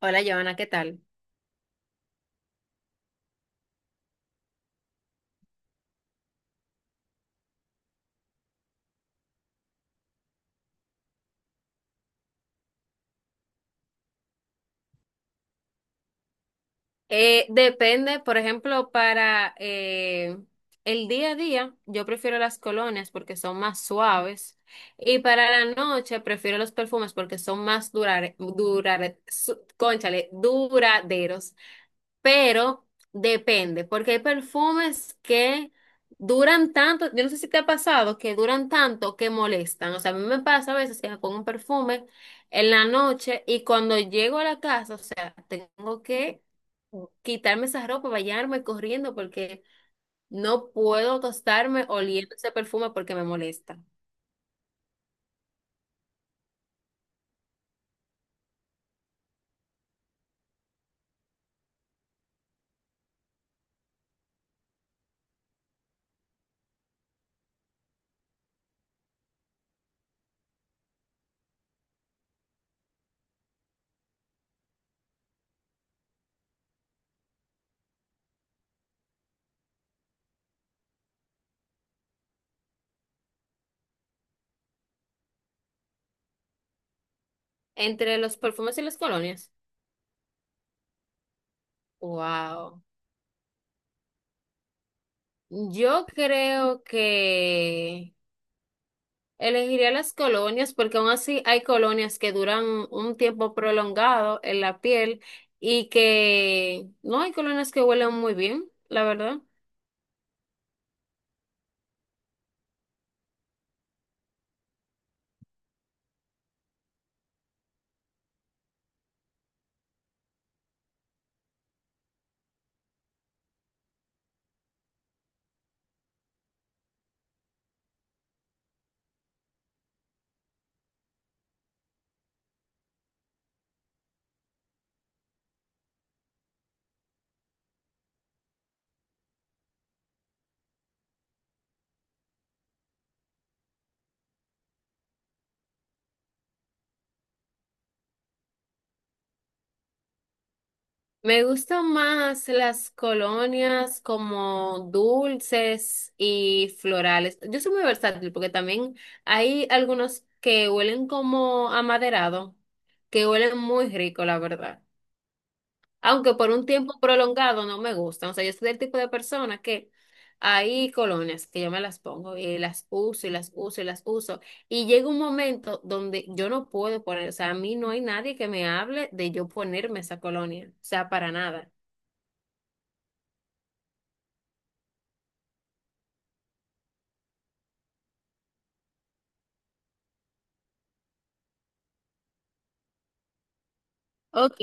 Hola, Joana, ¿qué tal? Depende, por ejemplo, para el día a día, yo prefiero las colonias porque son más suaves y para la noche prefiero los perfumes porque son más cónchale, duraderos. Pero depende, porque hay perfumes que duran tanto, yo no sé si te ha pasado, que duran tanto que molestan. O sea, a mí me pasa a veces que me pongo un perfume en la noche y cuando llego a la casa, o sea, tengo que quitarme esa ropa, bañarme corriendo porque no puedo tostarme oliendo ese perfume porque me molesta. Entre los perfumes y las colonias. Wow. Yo creo que elegiría las colonias porque aún así hay colonias que duran un tiempo prolongado en la piel y que no hay colonias que huelen muy bien, la verdad. Me gustan más las colonias como dulces y florales. Yo soy muy versátil porque también hay algunos que huelen como amaderado, que huelen muy rico, la verdad. Aunque por un tiempo prolongado no me gustan. O sea, yo soy del tipo de persona que hay colonias que yo me las pongo y las uso y las uso y las uso. Y llega un momento donde yo no puedo poner, o sea, a mí no hay nadie que me hable de yo ponerme esa colonia, o sea, para nada. Ok.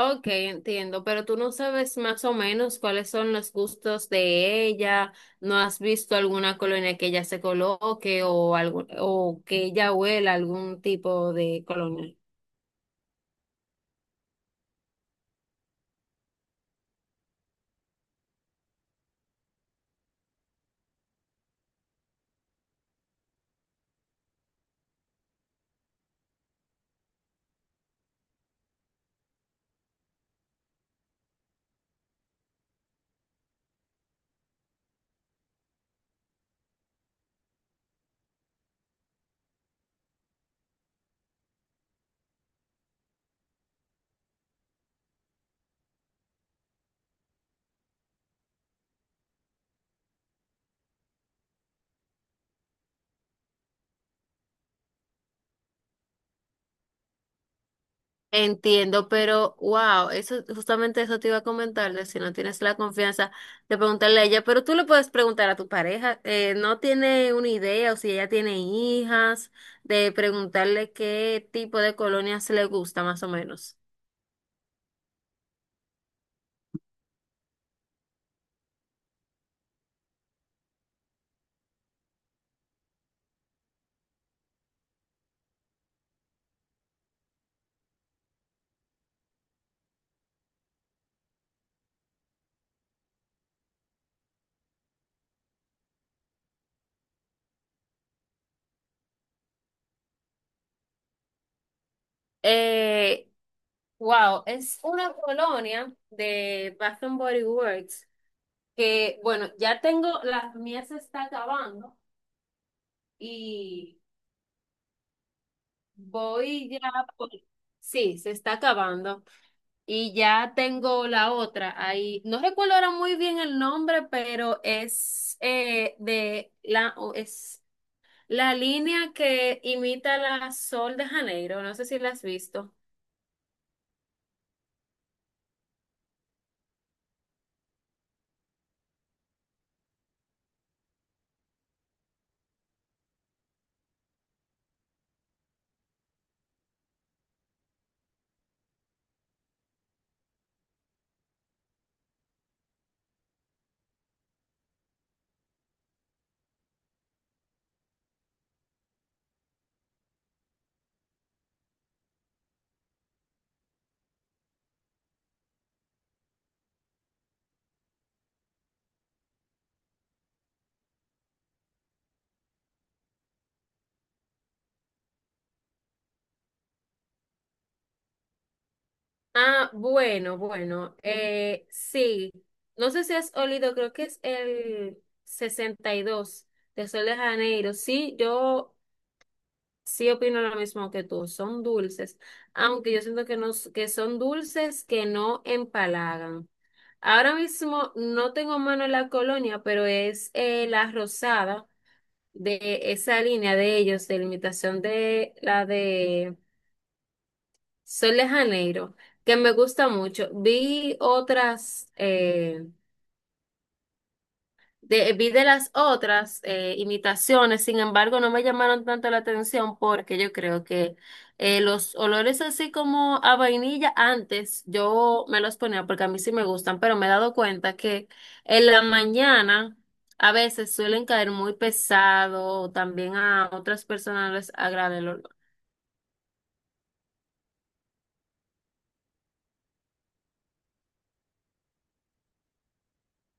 Ok, entiendo, pero tú no sabes más o menos cuáles son los gustos de ella, no has visto alguna colonia que ella se coloque o algo, o que ella huela algún tipo de colonia. Entiendo, pero wow, eso justamente eso te iba a comentar, de si no tienes la confianza de preguntarle a ella, pero tú le puedes preguntar a tu pareja, no tiene una idea o si ella tiene hijas, de preguntarle qué tipo de colonias le gusta más o menos. Eh, wow, es una colonia de Bath and Body Works que, bueno, ya tengo, las mías se está acabando y voy ya por- sí, se está acabando. Y ya tengo la otra ahí. No recuerdo ahora muy bien el nombre, pero es de la o es la línea que imita la Sol de Janeiro. No sé si la has visto. Ah, bueno, bueno. Sí. No sé si has olido, creo que es el 62 de Sol de Janeiro. Sí opino lo mismo que tú, son dulces, aunque yo siento que, no, s- que son dulces que no empalagan. Ahora mismo no tengo a mano la colonia, pero es la rosada de esa línea de ellos, de limitación de la de Sol de Janeiro, que me gusta mucho. Vi otras, vi de las otras imitaciones, sin embargo, no me llamaron tanto la atención porque yo creo que los olores así como a vainilla antes yo me los ponía porque a mí sí me gustan, pero me he dado cuenta que en la mañana a veces suelen caer muy pesado o también a otras personas les agrada el olor.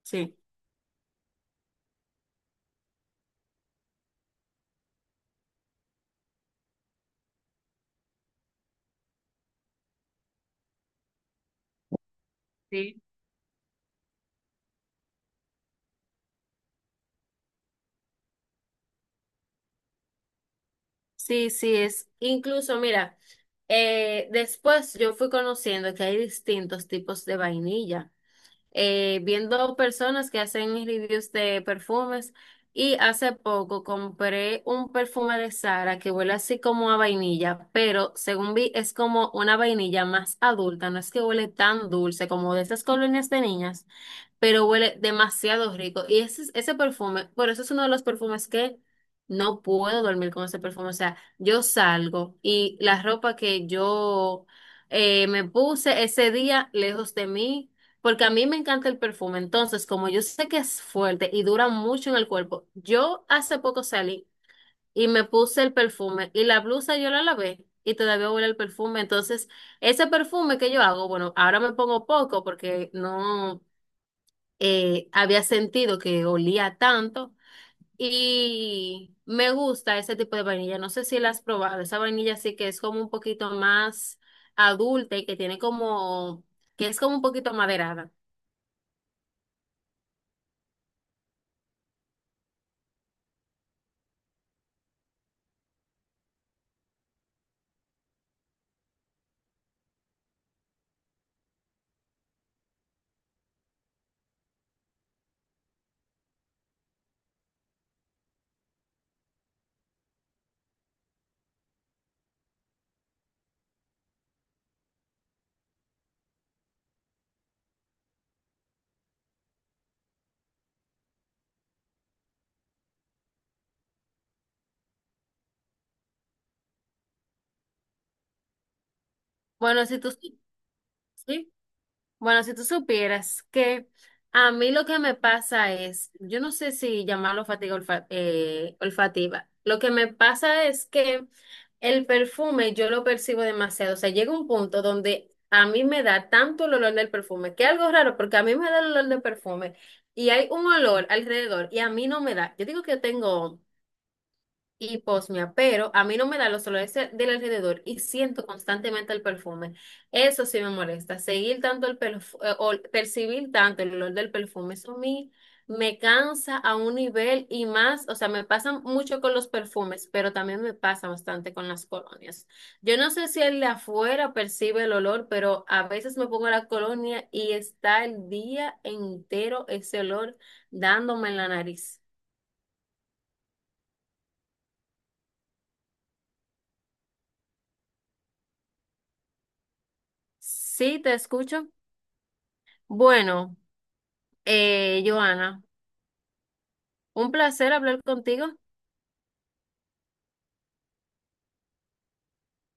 Sí. Sí. Sí, es. Incluso, mira, después yo fui conociendo que hay distintos tipos de vainilla. Viendo personas que hacen reviews de perfumes y hace poco compré un perfume de Sara que huele así como a vainilla, pero según vi es como una vainilla más adulta, no es que huele tan dulce como de esas colonias de niñas, pero huele demasiado rico. Y ese, ese perfume, bueno, ese es uno de los perfumes que no puedo dormir con ese perfume. O sea, yo salgo y la ropa que yo me puse ese día lejos de mí, porque a mí me encanta el perfume. Entonces, como yo sé que es fuerte y dura mucho en el cuerpo, yo hace poco salí y me puse el perfume y la blusa yo la lavé. Y todavía huele el perfume. Entonces, ese perfume que yo hago, bueno, ahora me pongo poco porque no, había sentido que olía tanto y me gusta ese tipo de vainilla. No sé si la has probado. Esa vainilla sí que es como un poquito más adulta y que tiene como, que es como un poquito maderada. Bueno, si tú sí. Sí. Bueno, si tú supieras que a mí lo que me pasa es, yo no sé si llamarlo olfativa, lo que me pasa es que el perfume yo lo percibo demasiado, o sea, llega un punto donde a mí me da tanto el olor del perfume, que es algo raro, porque a mí me da el olor del perfume y hay un olor alrededor y a mí no me da. Yo digo que yo tengo y posmia, pero a mí no me da los olores del alrededor y siento constantemente el perfume. Eso sí me molesta. Seguir tanto el percibir tanto el olor del perfume, eso a mí me cansa a un nivel y más, o sea, me pasa mucho con los perfumes, pero también me pasa bastante con las colonias. Yo no sé si el de afuera percibe el olor, pero a veces me pongo la colonia y está el día entero ese olor dándome en la nariz. Sí, te escucho. Bueno. Joana, un placer hablar contigo.